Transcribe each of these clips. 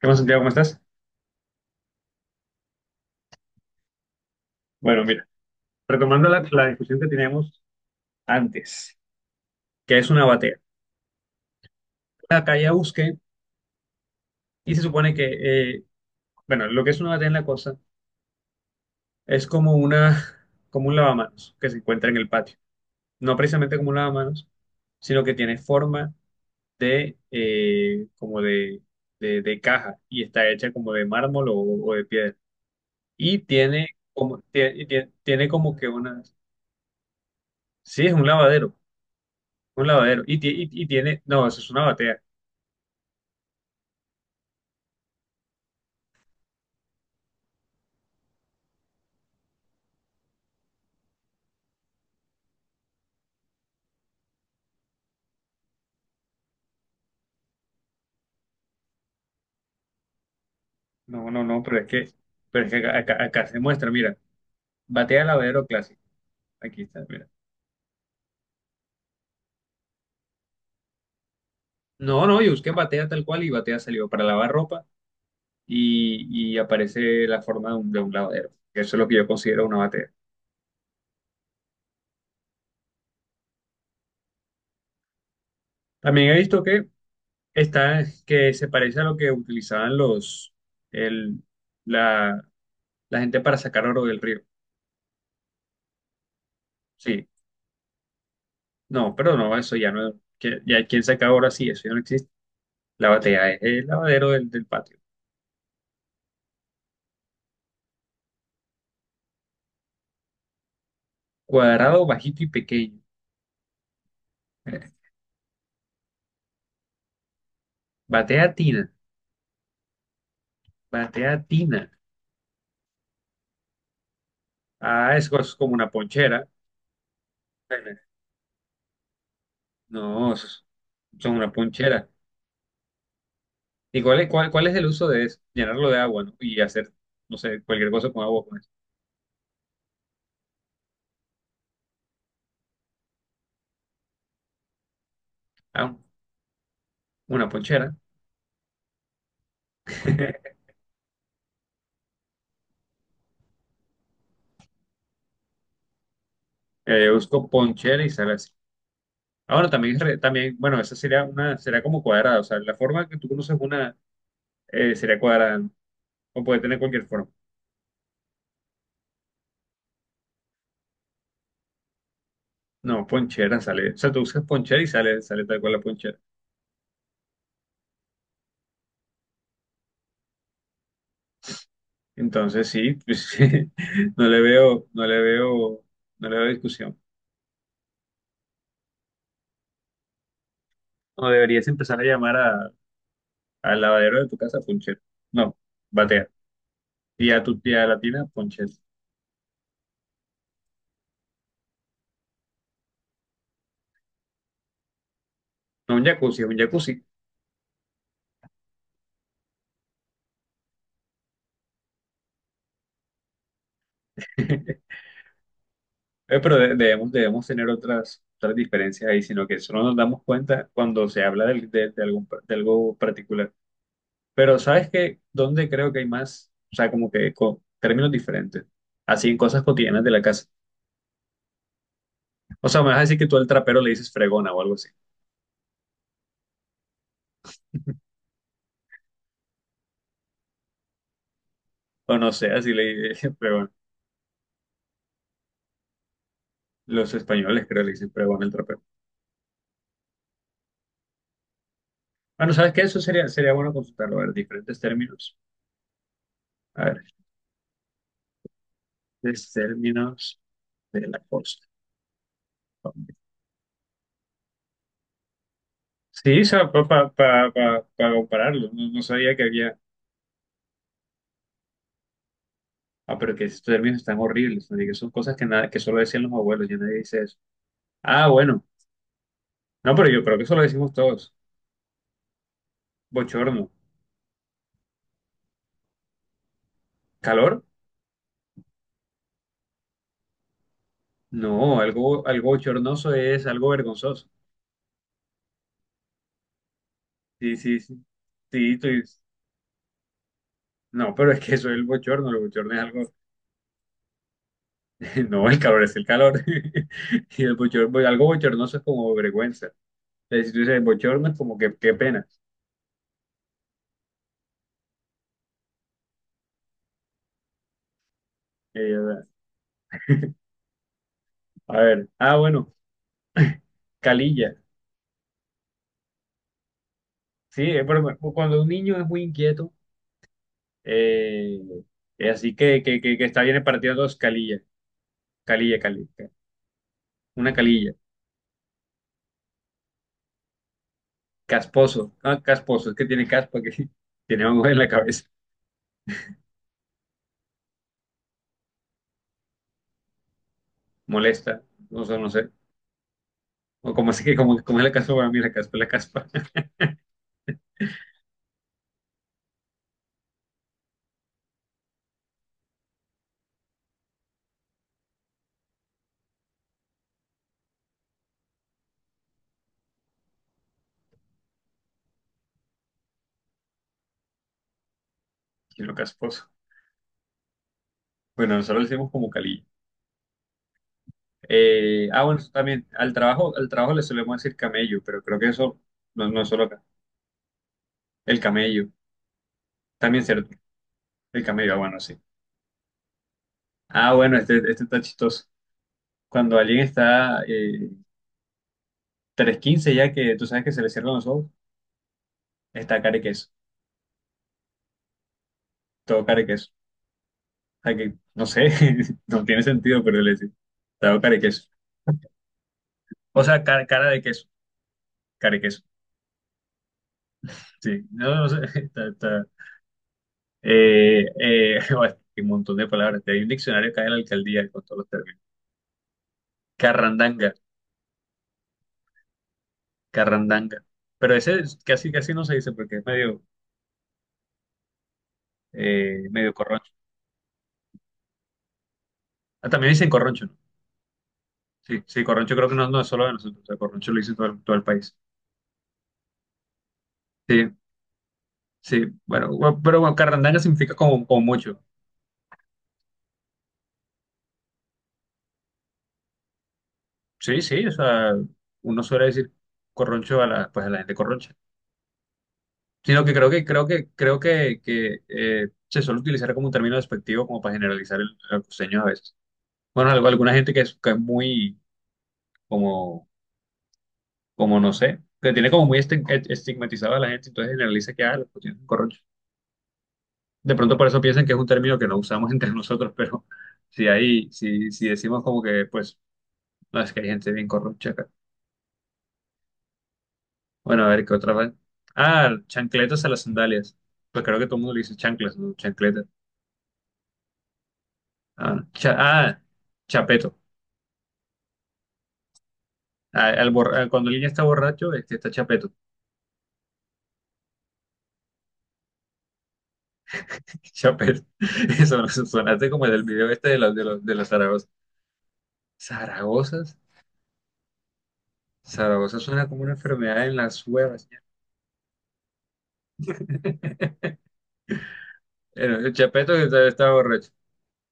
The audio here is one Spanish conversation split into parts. ¿Qué más, Santiago? ¿Cómo estás? Bueno, mira, retomando la discusión que teníamos antes, que es una batea. Acá ya busqué y se supone que, eh, bueno, lo que es una batea en la cosa es como una, como un lavamanos que se encuentra en el patio. No precisamente como un lavamanos, sino que tiene forma de, como de, de caja y está hecha como de mármol o de piedra. Y tiene como, tiene como que una, sí, es un lavadero, un lavadero. Y, y tiene, no, eso es una batea. No, no, no, pero es que acá, acá se muestra, mira, batea lavadero clásico. Aquí está, mira. No, no, yo busqué batea tal cual y batea salió para lavar ropa y aparece la forma de un lavadero. Eso es lo que yo considero una batea. También he visto que está, que se parece a lo que utilizaban el, la, la gente para sacar oro del río. Sí, no, pero no, eso ya no, ya quien saca oro así, eso ya no existe. La batea es el lavadero del, del patio. Cuadrado, bajito y pequeño. eh. Batea tina, batea tina. Ah, eso es como una ponchera. No, eso es- Son una ponchera. ¿Y cuál es, cuál, cuál es el uso de eso? Llenarlo de agua, ¿no? Y hacer, no sé, cualquier cosa con agua con eso. Ah, una ponchera. Busco ponchera y sale así. Ahora también, también, bueno, esa sería una, será como cuadrada. O sea, la forma que tú conoces una sería cuadrada, ¿no? O puede tener cualquier forma. No, ponchera sale. O sea, tú buscas ponchera y sale, sale tal cual la ponchera. Entonces sí, pues, no le veo, no le veo, no le veo discusión. No deberías empezar a llamar a, al lavadero de tu casa Punchel. No, batea. Y a tu tía latina Punchel. No un jacuzzi, es un jacuzzi. Pero debemos, debemos tener otras, otras diferencias ahí, sino que solo nos damos cuenta cuando se habla de, algún, de algo particular. Pero ¿sabes qué? ¿Dónde creo que hay más? O sea, como que con términos diferentes. Así en cosas cotidianas de la casa. O sea, me vas a decir que tú al trapero le dices fregona o algo así. O no sé, así le dicen pregón. Los españoles creo que le dicen pregón el trapero. Bueno, ¿sabes qué? Eso sería, sería bueno consultarlo. A ver, diferentes términos. A ver, diferentes términos de la costa. Sí, para compararlo. No, no sabía que había. Ah, pero que estos términos están horribles. ¿No? Y que son cosas que, nada, que solo decían los abuelos. Ya nadie dice eso. Ah, bueno. No, pero yo creo que eso lo decimos todos. Bochorno. ¿Calor? No, algo, algo bochornoso es algo vergonzoso. Sí, sí, sí. Sí, tú dices. No, pero es que eso es el bochorno es algo, no, el calor es el calor. Y el bochorno, pues, algo bochornoso es como vergüenza. Si tú dices bochorno es como que qué pena. Eh, a ver, ah, bueno, calilla. Sí, pero bueno, cuando un niño es muy inquieto, eh, así que está bien partido dos, calilla, calilla, calilla, una calilla, casposo, ah, casposo, es que tiene caspa, que tiene algo en la cabeza, molesta, no sé, no sé. O como así que, como, como es la caspa para mí, la caspa es la caspa. Qué lo casposo. Bueno, nosotros le decimos como calillo. Ah, bueno, eso también al trabajo le solemos decir camello, pero creo que eso no, no es solo acá. El camello, también cierto. El camello, ah, bueno, sí. Ah, bueno, este está chistoso. Cuando alguien está tres quince ya que tú sabes que se le cierran los ojos, está cara y queso, todo cara y queso. O sea que, no sé, no tiene sentido, pero le decimos, todo cara y queso. O sea, cara, cara de queso, cara y queso. Sí, no, no sé, está, hay un montón de palabras. Hay un diccionario acá en la alcaldía con todos los términos. Carrandanga, carrandanga. Pero casi, casi no se dice porque es medio, medio corroncho. Ah, también dicen corroncho, ¿no? Sí, sí, corroncho creo que no, no es solo de nosotros. O sea, corroncho lo dice todo el país. Sí, sí. Bueno, pero bueno, carrandanga significa como, como mucho. Sí, sí, o sea, uno suele decir corroncho a la, pues a la gente corroncha. Sino que creo que, se suele utilizar como un término despectivo como para generalizar el costeño a veces. Bueno, algo, alguna gente que es muy como como no sé, que tiene como muy estigmatizada a la gente, entonces generaliza que ah, los costeños son corronchos. De pronto por eso piensan que es un término que no usamos entre nosotros, pero si hay si decimos como que pues no es que hay gente bien corroncha acá. Bueno, a ver qué otra vez. Ah, chancletas a las sandalias. Pues creo que todo el mundo le dice chanclas, ¿no? Chancletas. Ah, chapeto. Cuando alguien está borracho, este está chapeto. Chapeto. Eso sonaste como del video este de los zaragozas. ¿Zaragozas? Zaragoza suena como una enfermedad en las huevas. Bueno, el chapeto que está, está borracho.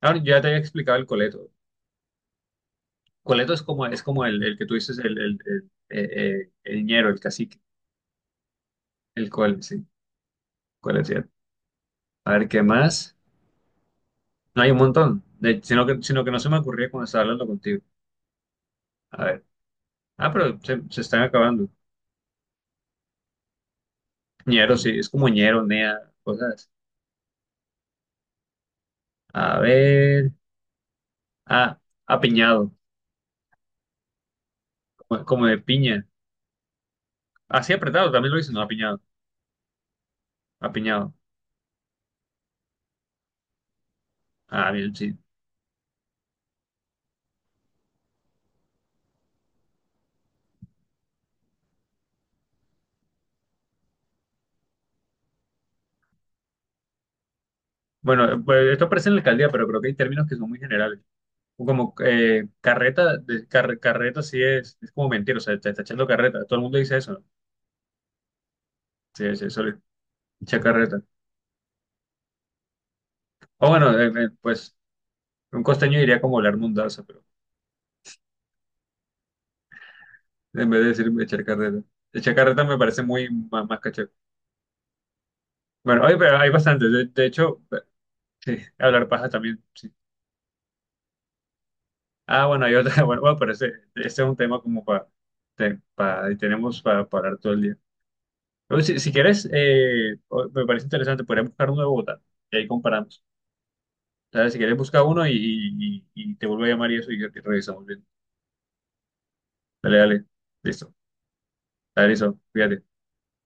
Ahora, yo ya te había explicado el coleto. Coleto es como el que tú dices, el ñero, el cacique. El col, sí. Coleto, a ver, ¿qué más? No hay un montón. Sino que no se me ocurría cuando estaba hablando contigo. A ver. Ah, pero se están acabando. Ñero, sí, es como ñero, nea, cosas. Así. A ver, ah, apiñado, como, como de piña. Así apretado, también lo dicen, no, apiñado, apiñado. Ah, bien, sí. Bueno, pues esto aparece en la alcaldía, pero creo que hay términos que son muy generales. O como carreta, carreta sí es como mentira, o sea, te está echando carreta. Todo el mundo dice eso, ¿no? Sí, sí, eso le echa carreta. O bueno, pues un costeño diría como hablar mundaza, pero en vez de decir echar carreta. Echar carreta me parece muy más, cachaco. Bueno, oye, pero hay bastantes. De hecho, sí, hablar paja también, sí. Ah, bueno, hay otra. Bueno, bueno, pero ese es un tema como para, tenemos para hablar todo el día. Pero si, si quieres, me parece interesante, podríamos buscar uno de Bogotá y ahí comparamos. Dale, si quieres, busca uno y, y te vuelvo a llamar y eso y revisamos bien. Dale, dale. Listo. Dale, listo. Fíjate.